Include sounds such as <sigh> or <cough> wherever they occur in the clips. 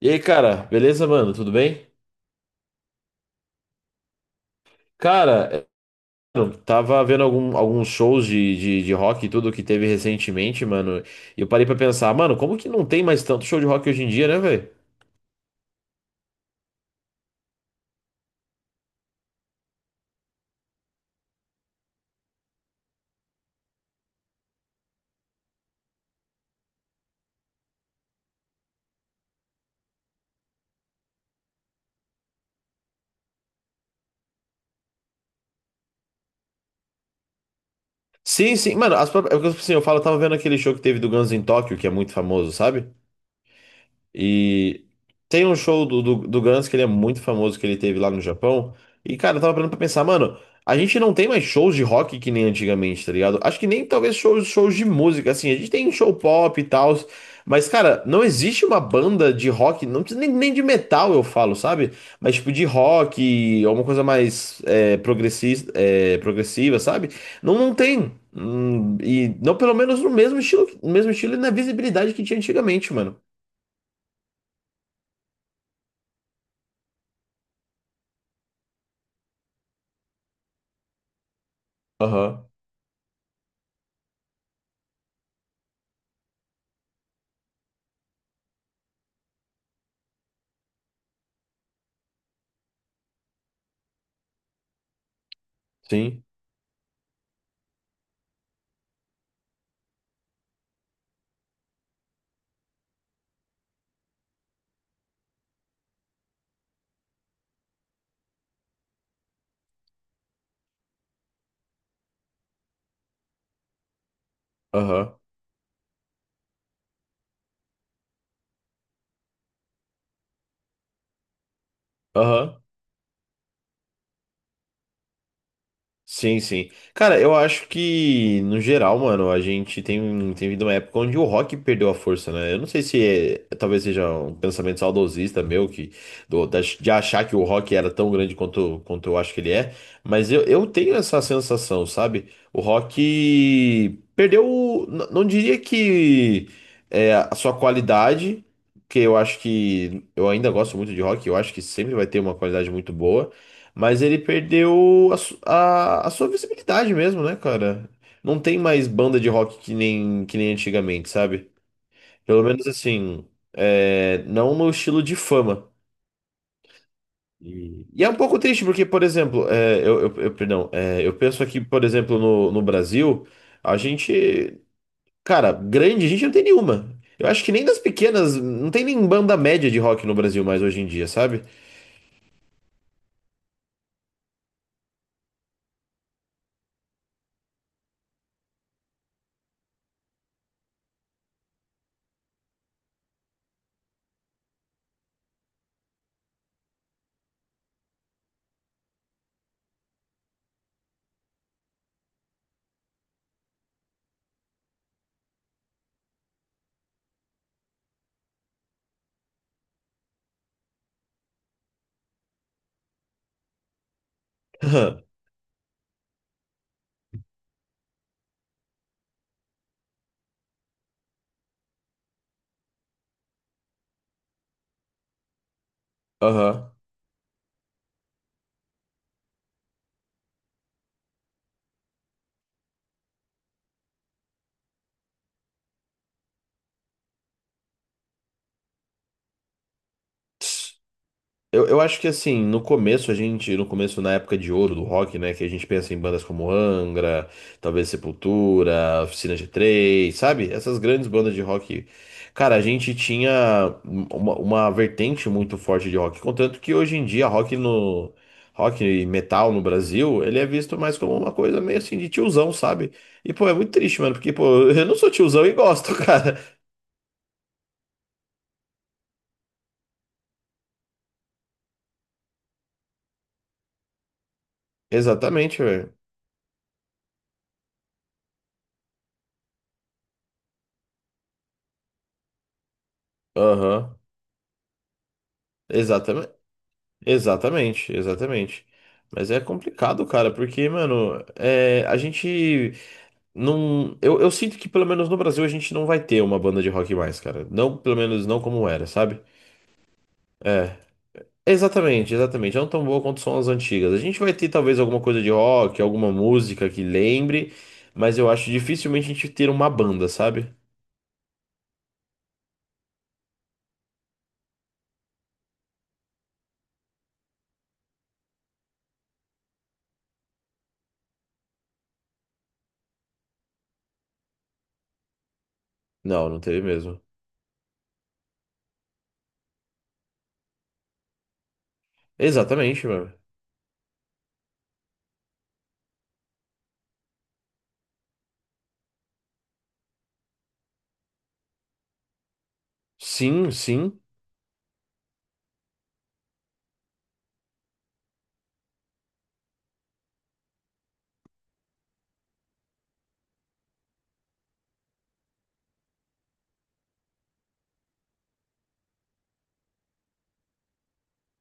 E aí, cara, beleza, mano? Tudo bem? Cara, eu tava vendo alguns shows de rock e tudo que teve recentemente, mano. E eu parei pra pensar, mano, como que não tem mais tanto show de rock hoje em dia, né, velho? Sim, sim, mano, as próprias, assim, eu falo, eu tava vendo aquele show que teve do Guns em Tóquio, que é muito famoso, sabe? E tem um show do Guns que ele é muito famoso, que ele teve lá no Japão. E, cara, eu tava parando pra pensar, mano, a gente não tem mais shows de rock que nem antigamente, tá ligado? Acho que nem talvez shows de música, assim, a gente tem show pop e tal. Mas, cara, não existe uma banda de rock, não precisa nem de metal, eu falo, sabe? Mas, tipo, de rock, alguma coisa mais é, progressista, é, progressiva, sabe? Não tem. E não, pelo menos no mesmo estilo, no mesmo estilo e na visibilidade que tinha antigamente, mano. Aham. Sim, aham, aham, sim, sim. Cara, eu acho que, no geral, mano, a gente tem, um, tem vindo uma época onde o rock perdeu a força, né? Eu não sei se talvez seja um pensamento saudosista meu, que, de achar que o rock era tão grande quanto, quanto eu acho que ele é, mas eu tenho essa sensação, sabe? O rock perdeu, não diria que é, a sua qualidade, porque eu acho que, eu ainda gosto muito de rock, eu acho que sempre vai ter uma qualidade muito boa, mas ele perdeu a, a sua visibilidade mesmo, né, cara? Não tem mais banda de rock que nem antigamente, sabe? Pelo menos assim, é, não no estilo de fama. E é um pouco triste, porque, por exemplo, é, eu, perdão, é, eu penso aqui, por exemplo, no, no Brasil, a gente, cara, grande, a gente não tem nenhuma. Eu acho que nem das pequenas, não tem nem banda média de rock no Brasil mais hoje em dia, sabe? <laughs> Aham. Eu acho que assim, no começo a gente, no começo na época de ouro do rock, né, que a gente pensa em bandas como Angra, talvez Sepultura, Oficina g Três sabe? Essas grandes bandas de rock. Cara, a gente tinha uma vertente muito forte de rock, contanto que hoje em dia rock e metal no Brasil, ele é visto mais como uma coisa meio assim de tiozão, sabe? E pô, é muito triste, mano, porque pô, <laughs> eu não sou tiozão e gosto, <laughs> cara. Exatamente, velho. Aham. Exatamente. Exatamente. Mas é complicado, cara, porque, mano, é, a gente não. Eu sinto que pelo menos no Brasil a gente não vai ter uma banda de rock mais, cara. Não, pelo menos não como era, sabe? É. Exatamente. Não tão boa quanto são as antigas. A gente vai ter talvez alguma coisa de rock, alguma música que lembre, mas eu acho dificilmente a gente ter uma banda, sabe? Não, não teve mesmo. Exatamente, mano. Sim, sim.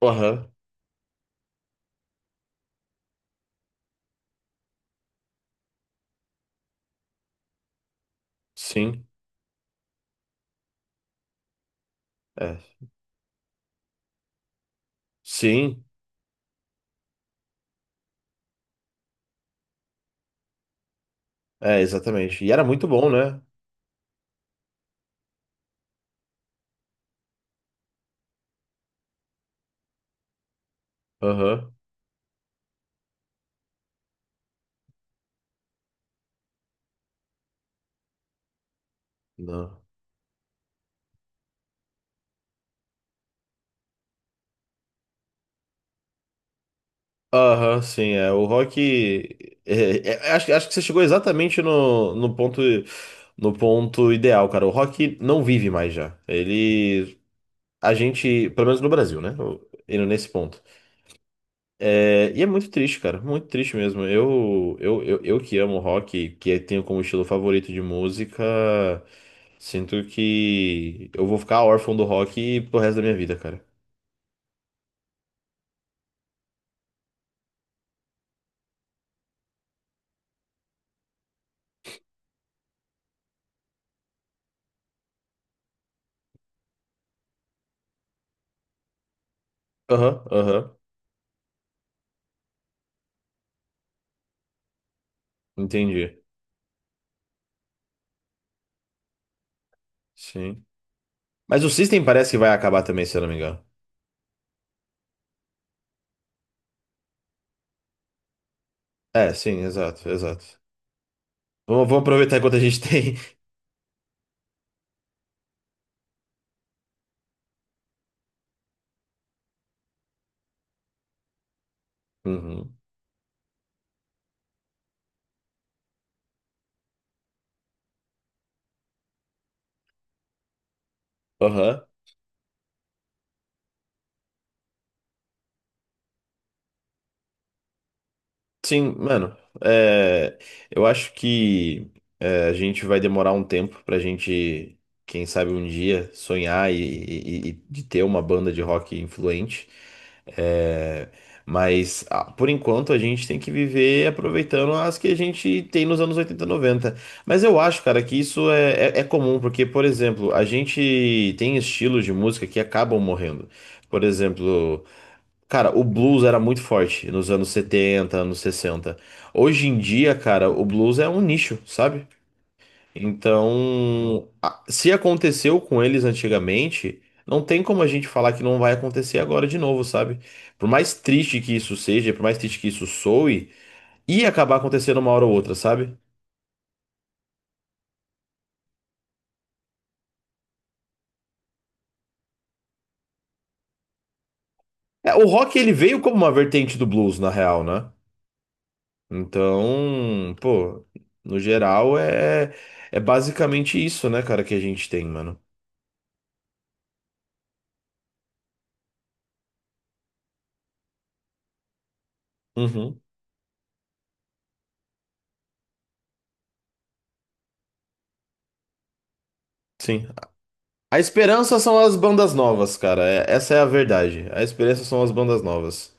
Aham, sim. É. Sim. É, exatamente. E era muito bom, né? Aham. Não. Aham, sim, é. O rock. É, é, é, acho, acho que você chegou exatamente no, no ponto, no ponto ideal, cara. O rock não vive mais já. Ele. A gente, pelo menos no Brasil, né? O- indo nesse ponto. É, e é muito triste, cara. Muito triste mesmo. Eu que amo rock, que é, tenho como estilo favorito de música, sinto que eu vou ficar órfão do rock pro resto da minha vida, cara. Aham, aham. Entendi. Sim. Mas o System parece que vai acabar também, se eu não me engano. É, sim, exato, exato. Vamos, vamos aproveitar enquanto a gente tem. <laughs> Uhum. Aham. Sim, mano, é, eu acho que é, a gente vai demorar um tempo pra gente, quem sabe um dia, sonhar e de ter uma banda de rock influente. É, mas ah, por enquanto a gente tem que viver aproveitando as que a gente tem nos anos 80, 90. Mas eu acho, cara, que isso é, é é comum, porque, por exemplo, a gente tem estilos de música que acabam morrendo. Por exemplo. Cara, o blues era muito forte nos anos 70, anos 60. Hoje em dia, cara, o blues é um nicho, sabe? Então, se aconteceu com eles antigamente, não tem como a gente falar que não vai acontecer agora de novo, sabe? Por mais triste que isso seja, por mais triste que isso soe, ia acabar acontecendo uma hora ou outra, sabe? É, o rock ele veio como uma vertente do blues, na real, né? Então, pô, no geral é, é basicamente isso, né, cara, que a gente tem, mano. Uhum. Sim. A esperança são as bandas novas, cara. É- essa é a verdade. A esperança são as bandas novas.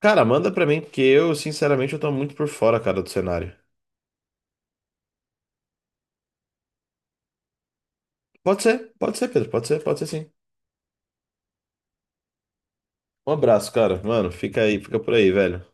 Cara, manda pra mim, porque eu, sinceramente, eu tô muito por fora, cara, do cenário. Pode ser, Pedro, pode ser sim. Um abraço, cara. Mano, fica aí, fica por aí, velho.